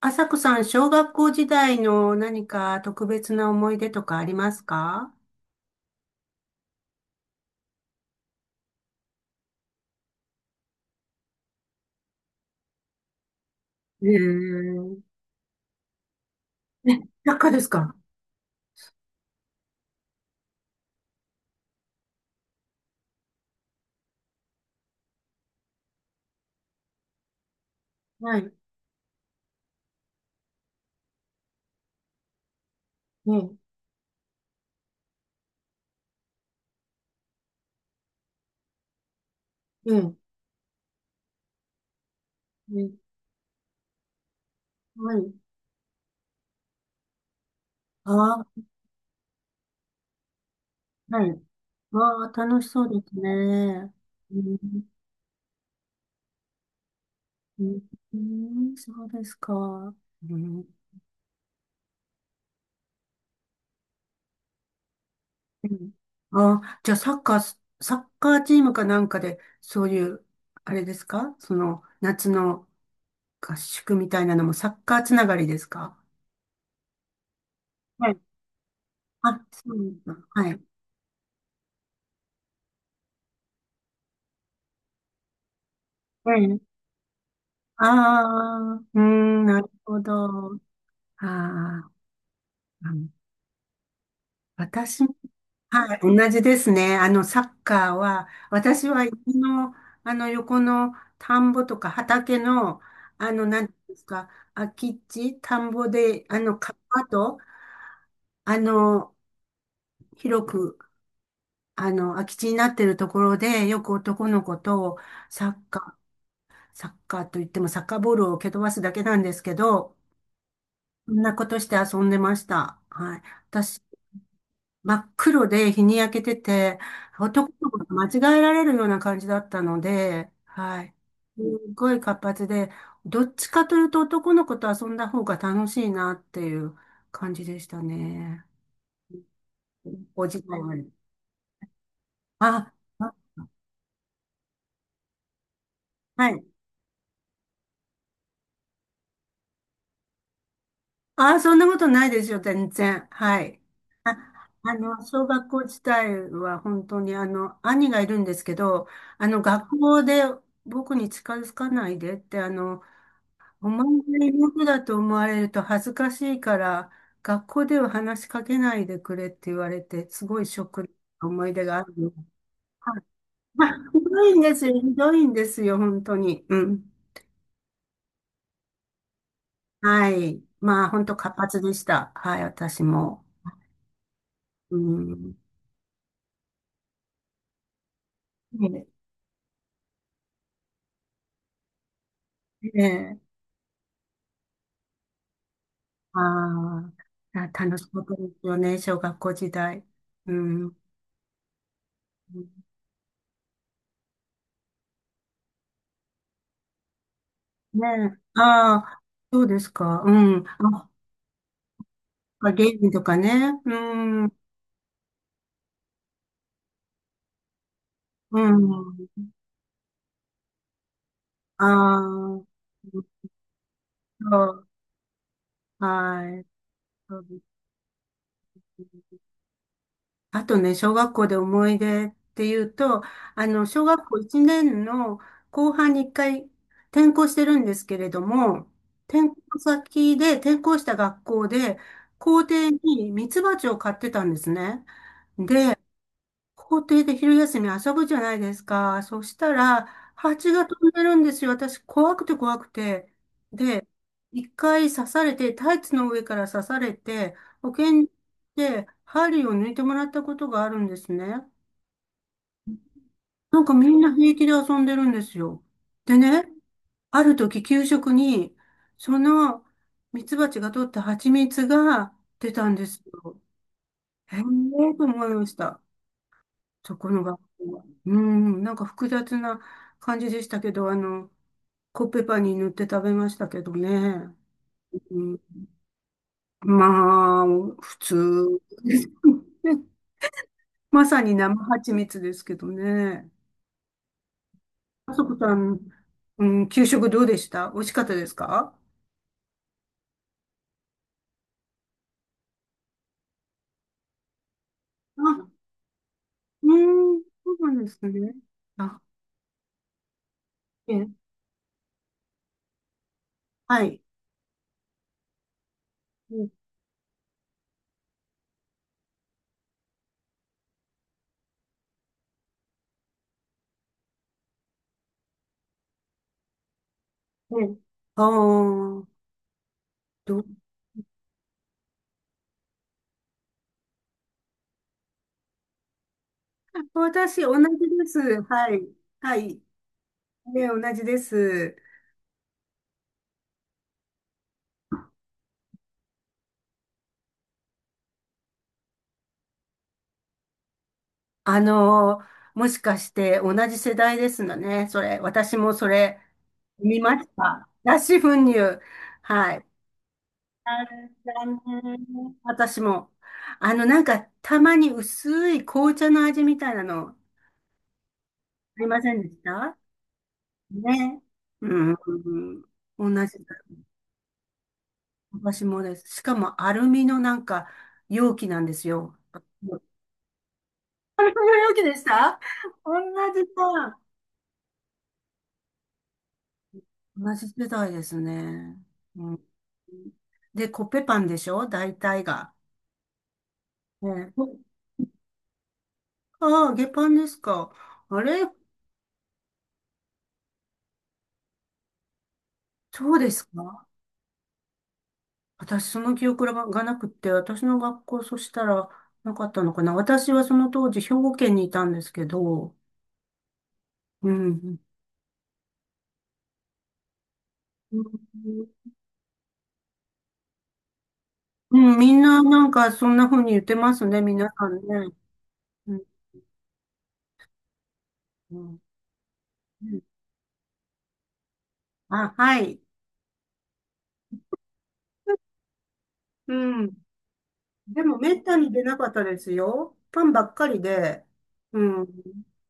朝子さん、小学校時代の何か特別な思い出とかありますか？えー、え、なんかですか？はい。ええ、ええ、ええ。はい。ああ、はい。わあ、楽しそうですね。うん、うん。うん、そうですか。うん、うん。ああ、じゃあサッカー、サッカーチームかなんかで、そういう、あれですかその、夏の合宿みたいなのもサッカーつながりですか？あ、そうだ。はい。ええ。ああ、うーん、なるほど。ああ、うん。私、はい、同じですね。サッカーは、私は家の、横の田んぼとか畑の、なんていうんですか、空き地、田んぼで、川と、あの、広く、空き地になってるところで、よく男の子と、サッカー、サッカーといっても、サッカーボールを蹴飛ばすだけなんですけど、そんなことして遊んでました。はい。私、真っ黒で日に焼けてて、男の子が間違えられるような感じだったので、はい。すごい活発で、どっちかというと男の子と遊んだ方が楽しいなっていう感じでしたね。お時間ある。あ、あ、はい。ああ、そんなことないですよ、全然。はい。小学校自体は本当に、兄がいるんですけど、学校で僕に近づかないでって、お前が妹だと思われると恥ずかしいから、学校では話しかけないでくれって言われて、すごいショックな思い出があるの。はい。まあ、ひどいんですよ、ひどいんですよ、本当に。うん。はい。まあ、本当活発でした。はい、私も。うん。ねええ、あーあ、楽しかったですよね、小学校時代。うん。ねえ、ああ、そうですか。うん。あ、ゲームとかね。うん。うん。ああ、そう。はい。そうです。あとね、小学校で思い出っていうと、小学校1年の後半に1回転校してるんですけれども、転校先で転校した学校で、校庭にミツバチを飼ってたんですね。で、校庭で昼休み遊ぶじゃないですか。そしたら、蜂が飛んでるんですよ。私、怖くて怖くて。で、一回刺されて、タイツの上から刺されて、保健で針を抜いてもらったことがあるんですね。なんかみんな平気で遊んでるんですよ。でね、ある時給食に、そのミツバチが取った蜂蜜が出たんですよ。へえーと思いました。そこの学校は。うん、なんか複雑な感じでしたけど、コッペパンに塗って食べましたけどね。うん、まあ、普通。ね、まさに生蜂蜜ですけどね。あそこさん、うん、給食どうでした、美味しかったですか？あ、うん、そうなんですね。あ、え、はい。うえ、ああ、ど、私、同じです。はい。はい。ね、同じです。もしかして同じ世代ですのね。それ、私もそれ見ました。脱脂粉乳。はい。あ、残念、私も。なんか、たまに薄い紅茶の味みたいなの、ありませんでしたね。うん。うん、同じだ。私もです。しかも、アルミのなんか、容器なんですよ。容器でした。同じだ。同じ世代ですね。うん。で、コッペパンでしょ大体が。ね、ああ、揚げパンですか。あれ、そうですか？私、その記憶がなくって、私の学校、そしたらなかったのかな。私はその当時、兵庫県にいたんですけど、うん。うん、うん。みんな、なんか、そんな風に言ってますね、皆さんね。うん、うん、うん、あ、はい。うん。でもめったに出なかったですよ。パンばっかりで。うん。う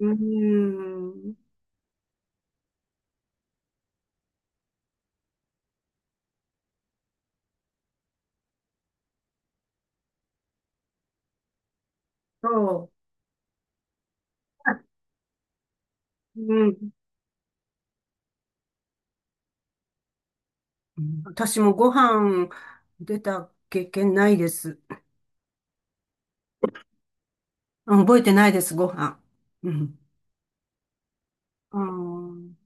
ーん。そう。うん。私もご飯出た経験ないです。うん、覚えてないです、ご飯。うん。うん、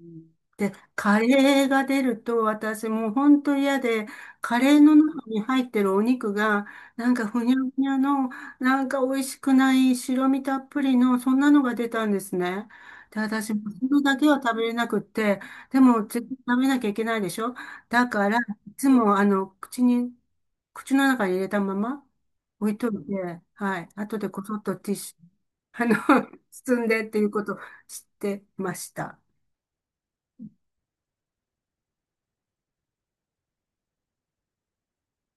うん。で、カレーが出ると私もう本当嫌で、カレーの中に入ってるお肉が、なんかふにゃふにゃの、なんか美味しくない白身たっぷりの、そんなのが出たんですね。で、私もそれだけは食べれなくって、でも絶対食べなきゃいけないでしょ。だから、いつも口の中に入れたまま置いといて、はい、後でこそっとティッシュ、あの、包んでっていうことを知ってました。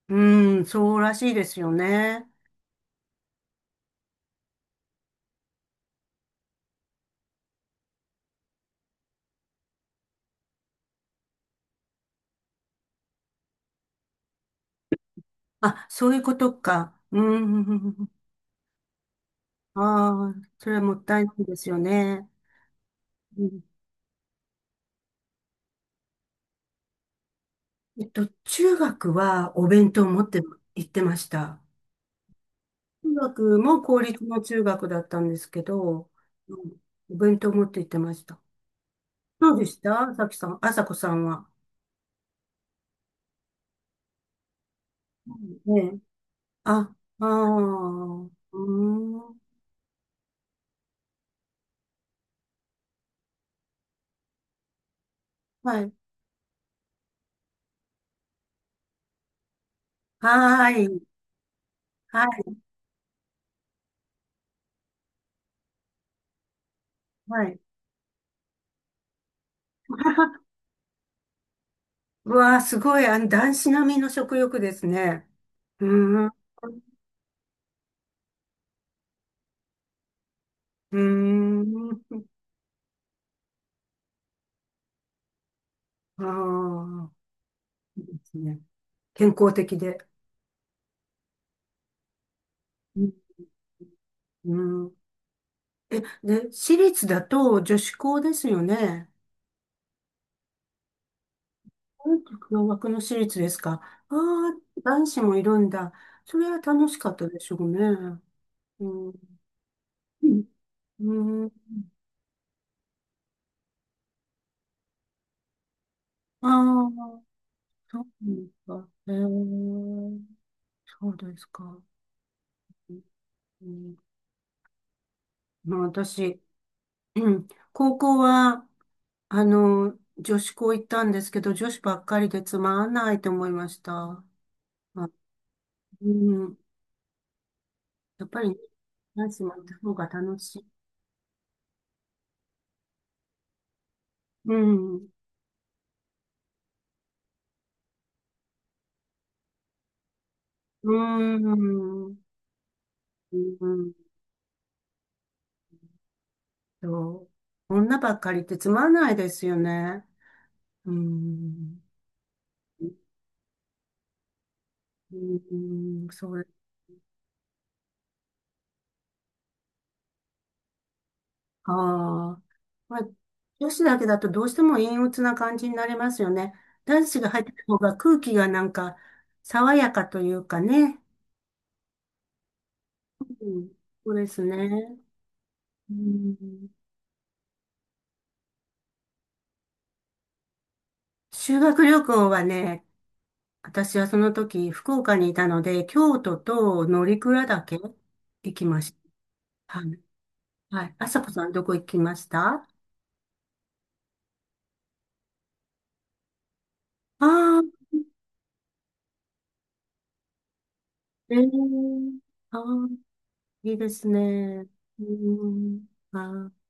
うん、そうらしいですよね。あ、そういうことか。うん。ああ、それはもったいないですよね。うん、中学はお弁当を持って行ってました。中学も公立の中学だったんですけど、うん、お弁当を持って行ってました。どうでした、さきさん、あさこさんは？うん、ねえ。あ、ああ、うーん。はい。はーい。はい。はい。うわあ、すごい、男子並みの食欲ですね。うーん、うーん、ああ、いいですね。健康的で。うん、うん。え、で、私立だと女子校ですよね。音楽の枠の私立ですか。ああ、男子もいるんだ。それは楽しかったでしょうね。うん、うん、ああ、そうですか。ええ、そうですか。うん、まあ、私、うん、高校は、女子校行ったんですけど、女子ばっかりでつまんないと思いました。あ、うん、やっぱりね、男子もいた方が楽しい。うん、うん、うんと、女ばっかりってつまんないですよね。うん、うん、それか。まあ、女子だけだとどうしても陰鬱な感じになりますよね。男子が入ってた方が空気がなんか爽やかというかね。うん、そうですね、うん。修学旅行はね、私はその時福岡にいたので、京都と乗鞍岳行きました。はい。はい。あさこさん、どこ行きました？ああー、えー、あー、いいですね。うん、あー